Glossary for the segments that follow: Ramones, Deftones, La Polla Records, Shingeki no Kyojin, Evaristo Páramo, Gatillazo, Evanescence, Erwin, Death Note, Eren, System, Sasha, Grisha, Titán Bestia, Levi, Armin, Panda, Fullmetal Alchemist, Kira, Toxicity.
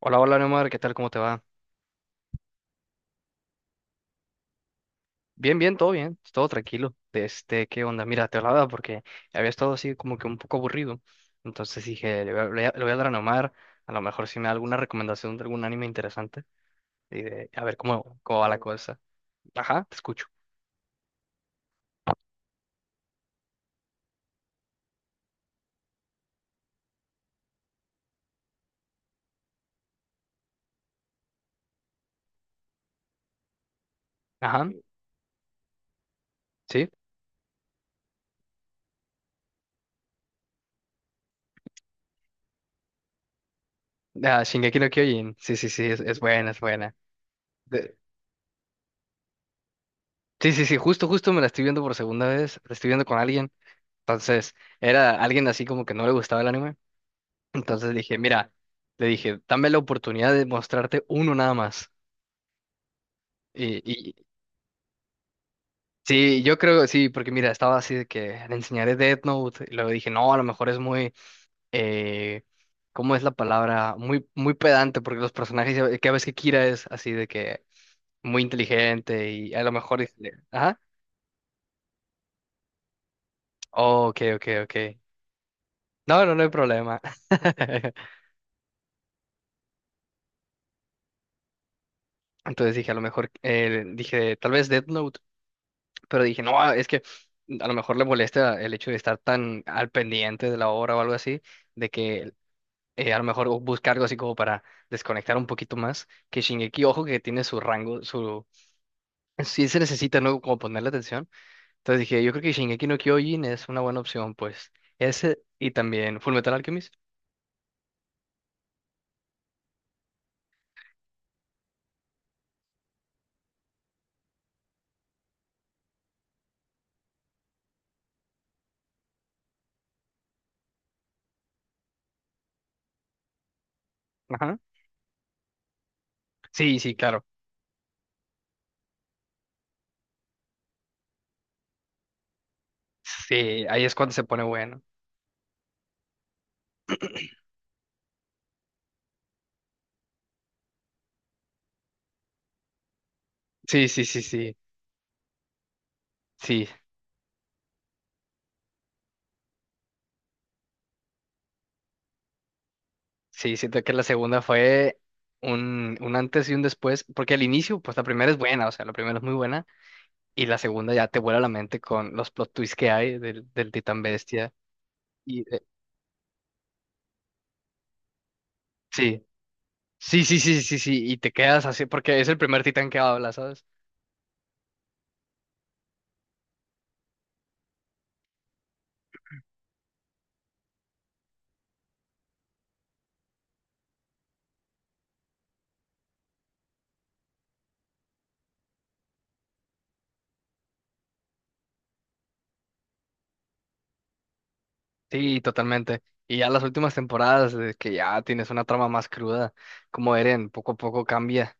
Hola, hola, Neomar, ¿qué tal? ¿Cómo te va? Bien, bien, todo tranquilo. Este, ¿qué onda? Mira, te hablaba porque había estado así como que un poco aburrido. Entonces dije, le voy a, le voy a- le voy a hablar a Neomar, a lo mejor si me da alguna recomendación de algún anime interesante y de, a ver cómo va la cosa. Ajá, te escucho. Ajá, sí. Ah, Shingeki no Kyojin. Sí, sí, sí, es buena, es buena. De- Sí, sí, sí, justo me la estoy viendo por segunda vez, la estoy viendo con alguien. Entonces, era alguien así como que no le gustaba el anime. Entonces dije, mira, le dije, dame la oportunidad de mostrarte uno nada más. Y, y sí, yo creo, sí, porque mira, estaba así de que le enseñaré Death Note. Y luego dije, no, a lo mejor es muy, eh, ¿cómo es la palabra? Muy, muy pedante, porque los personajes, que ves que Kira es así de que muy inteligente y a lo mejor dije, ajá, oh, ok, ok, ok. No, no, no hay problema. Entonces dije, a lo mejor, dije, tal vez Death Note. Pero dije, no, ah, es que a lo mejor le molesta el hecho de estar tan al pendiente de la obra o algo así, de que a lo mejor busca algo así como para desconectar un poquito más, que Shingeki, ojo que tiene su rango, su. Sí se necesita, ¿no? Como ponerle atención. Entonces dije, yo creo que Shingeki no Kyojin es una buena opción, pues. Ese y también Fullmetal Alchemist. Ajá. Sí, sí, claro. Sí, ahí es cuando se pone bueno. Sí, sí, sí, sí, sí. Sí, siento que la segunda fue un antes y un después, porque al inicio, pues la primera es buena, o sea, la primera es muy buena, y la segunda ya te vuela la mente con los plot twists que hay del Titán Bestia. Y sí, sí, sí, sí, sí, sí, y te quedas así, porque es el primer Titán que habla, ¿sabes? Sí, totalmente. Y ya las últimas temporadas, de que ya tienes una trama más cruda, como Eren poco a poco cambia.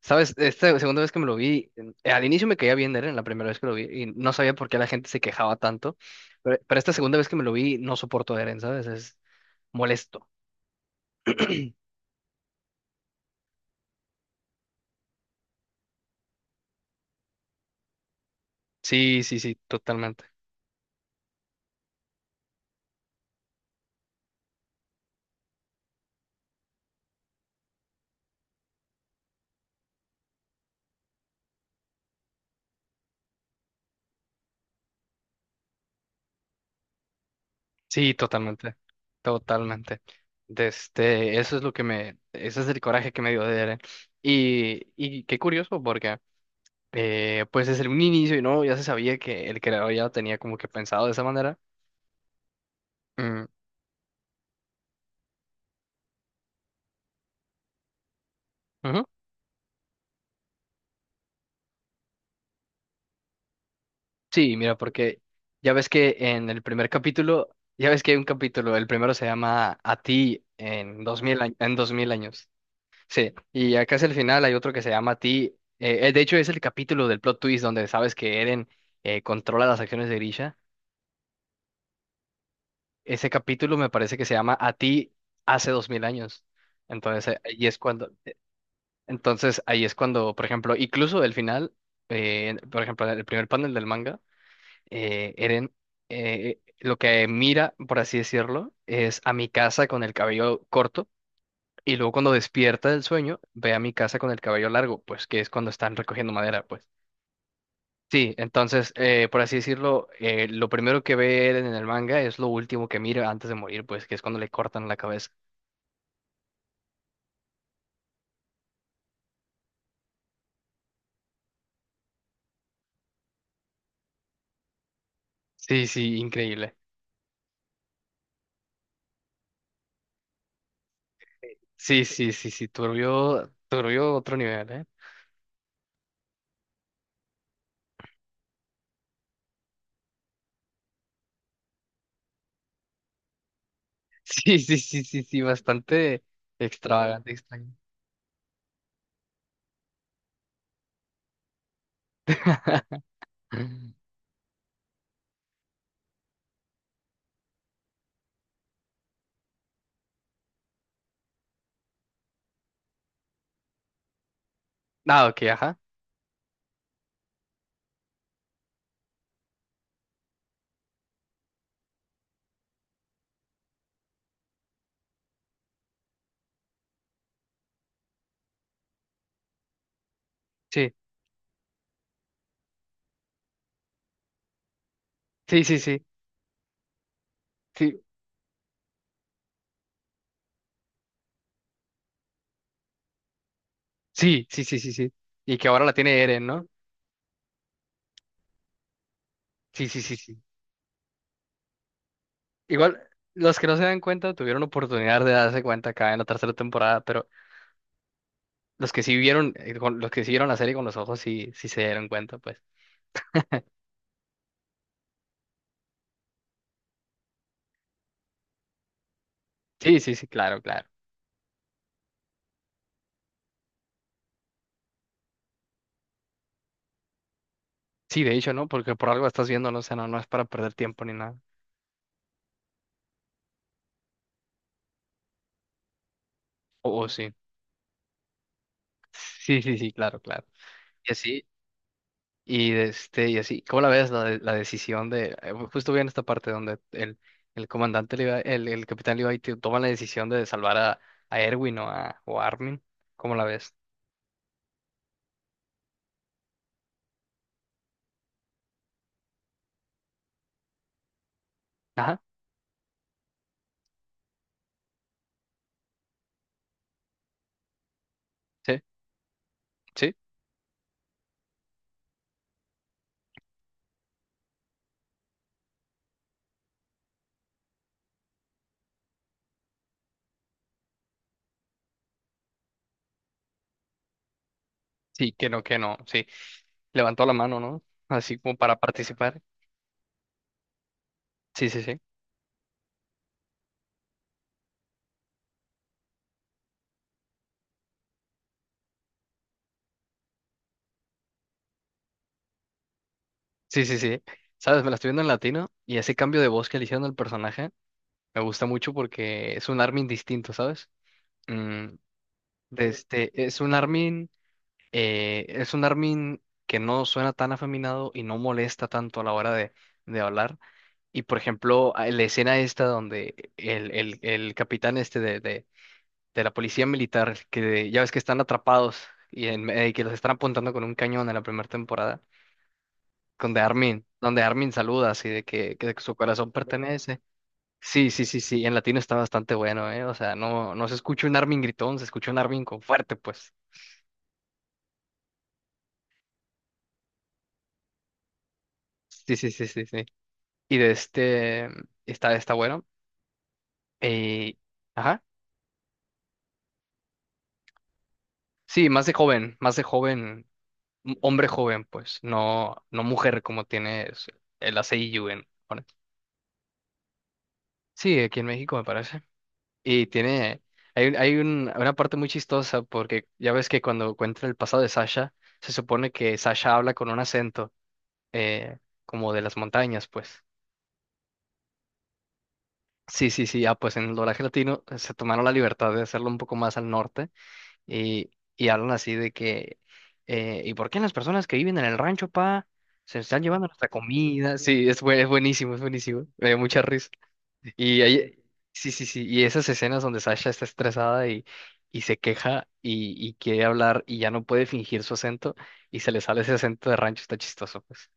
Sabes, esta segunda vez que me lo vi, al inicio me caía bien Eren, la primera vez que lo vi, y no sabía por qué la gente se quejaba tanto, pero esta segunda vez que me lo vi, no soporto a Eren, ¿sabes? Es molesto. Sí, sí, sí, totalmente. Sí, totalmente. Totalmente. De este, eso es lo que me, ese es el coraje que me dio de Eren. Y qué curioso, porque pues desde un inicio, y no, ya se sabía que el creador ya lo tenía como que pensado de esa manera. Mm, ujú. Sí, mira, porque ya ves que en el primer capítulo, ya ves que hay un capítulo, el primero se llama A ti en 2000, en 2000 años. Sí, y acá es el final, hay otro que se llama A ti, de hecho, es el capítulo del plot twist donde sabes que Eren controla las acciones de Grisha. Ese capítulo me parece que se llama A ti hace 2000 años. Entonces, ahí es cuando, entonces, ahí es cuando, por ejemplo, incluso el final, por ejemplo, el primer panel del manga. Eren lo que mira, por así decirlo, es a mi casa con el cabello corto y luego cuando despierta del sueño ve a mi casa con el cabello largo, pues que es cuando están recogiendo madera, pues. Sí, entonces, por así decirlo, lo primero que ve Eren en el manga es lo último que mira antes de morir, pues que es cuando le cortan la cabeza. Sí, sí, increíble. Sí, sí, sí, sí, turbio, turbio otro nivel, ¿eh? Sí, sí, sí, sí, sí, bastante extravagante, extraño. Ah, ok, ajá. Sí, sí, sí, sí, sí, sí, sí, sí, sí, sí. Y que ahora la tiene Eren, ¿no? Sí, sí, sí, sí. Igual, los que no se dan cuenta tuvieron oportunidad de darse cuenta acá en la tercera temporada, pero los que sí vieron, los que sí vieron la serie con los ojos sí, sí se dieron cuenta, pues. Sí, sí, sí, claro, claro. Sí, de hecho, ¿no? Porque por algo estás viendo, no sé, no, no es para perder tiempo ni nada. O sí. Sí, sí, sí, claro, claro. Y así. Y este, y así, ¿cómo la ves la, la decisión justo vi en esta parte donde el capitán Levi toma la decisión de salvar a Erwin o a Armin? ¿Cómo la ves? Ajá, sí, sí, sí, que no, sí. Levantó la mano, ¿no? Así como para participar. Sí, sí, sí. Sí, sí, sí. Sabes, me la estoy viendo en latino y ese cambio de voz que le hicieron al personaje me gusta mucho porque es un Armin distinto, ¿sabes? Mm, de este, es un Armin. Es un Armin que no suena tan afeminado y no molesta tanto a la hora de hablar. Y por ejemplo, la escena esta donde el capitán este de la policía militar, que ya ves que están atrapados y, que los están apuntando con un cañón en la primera temporada, donde Armin saluda así de que su corazón pertenece. Sí, sí, sí, sí, en latino está bastante bueno, ¿eh? O sea, no, no se escucha un Armin gritón, se escucha un Armin con fuerte, pues. Sí, sí, sí, sí, sí. Y de este, está bueno. Eh, ajá. Sí, más de joven, hombre joven, pues, no, no mujer como tiene el ACIU en Japón. Sí, aquí en México me parece. Y tiene, hay una parte muy chistosa porque ya ves que cuando cuenta el pasado de Sasha, se supone que Sasha habla con un acento eh, como de las montañas, pues. Sí, sí, sí, ah, pues en el doblaje latino se tomaron la libertad de hacerlo un poco más al norte. Y, y hablan así de que, ¿y por qué las personas que viven en el rancho, pa, se están llevando nuestra comida? Sí, es, es buenísimo, es buenísimo. Me dio mucha risa. Y ahí, sí, sí, sí. Y esas escenas donde Sasha está estresada y se queja y quiere hablar y ya no puede fingir su acento y se le sale ese acento de rancho, está chistoso, pues.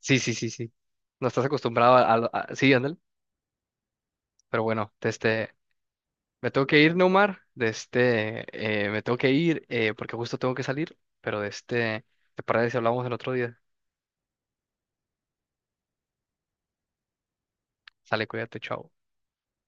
Sí, sí, sí, sí. No estás acostumbrado a sí, ándale. Pero bueno, este, me tengo que ir, Neumar, de este, me tengo que ir porque justo tengo que salir, pero de este, ¿te parece si hablamos el otro día? Sale, cuídate, chao.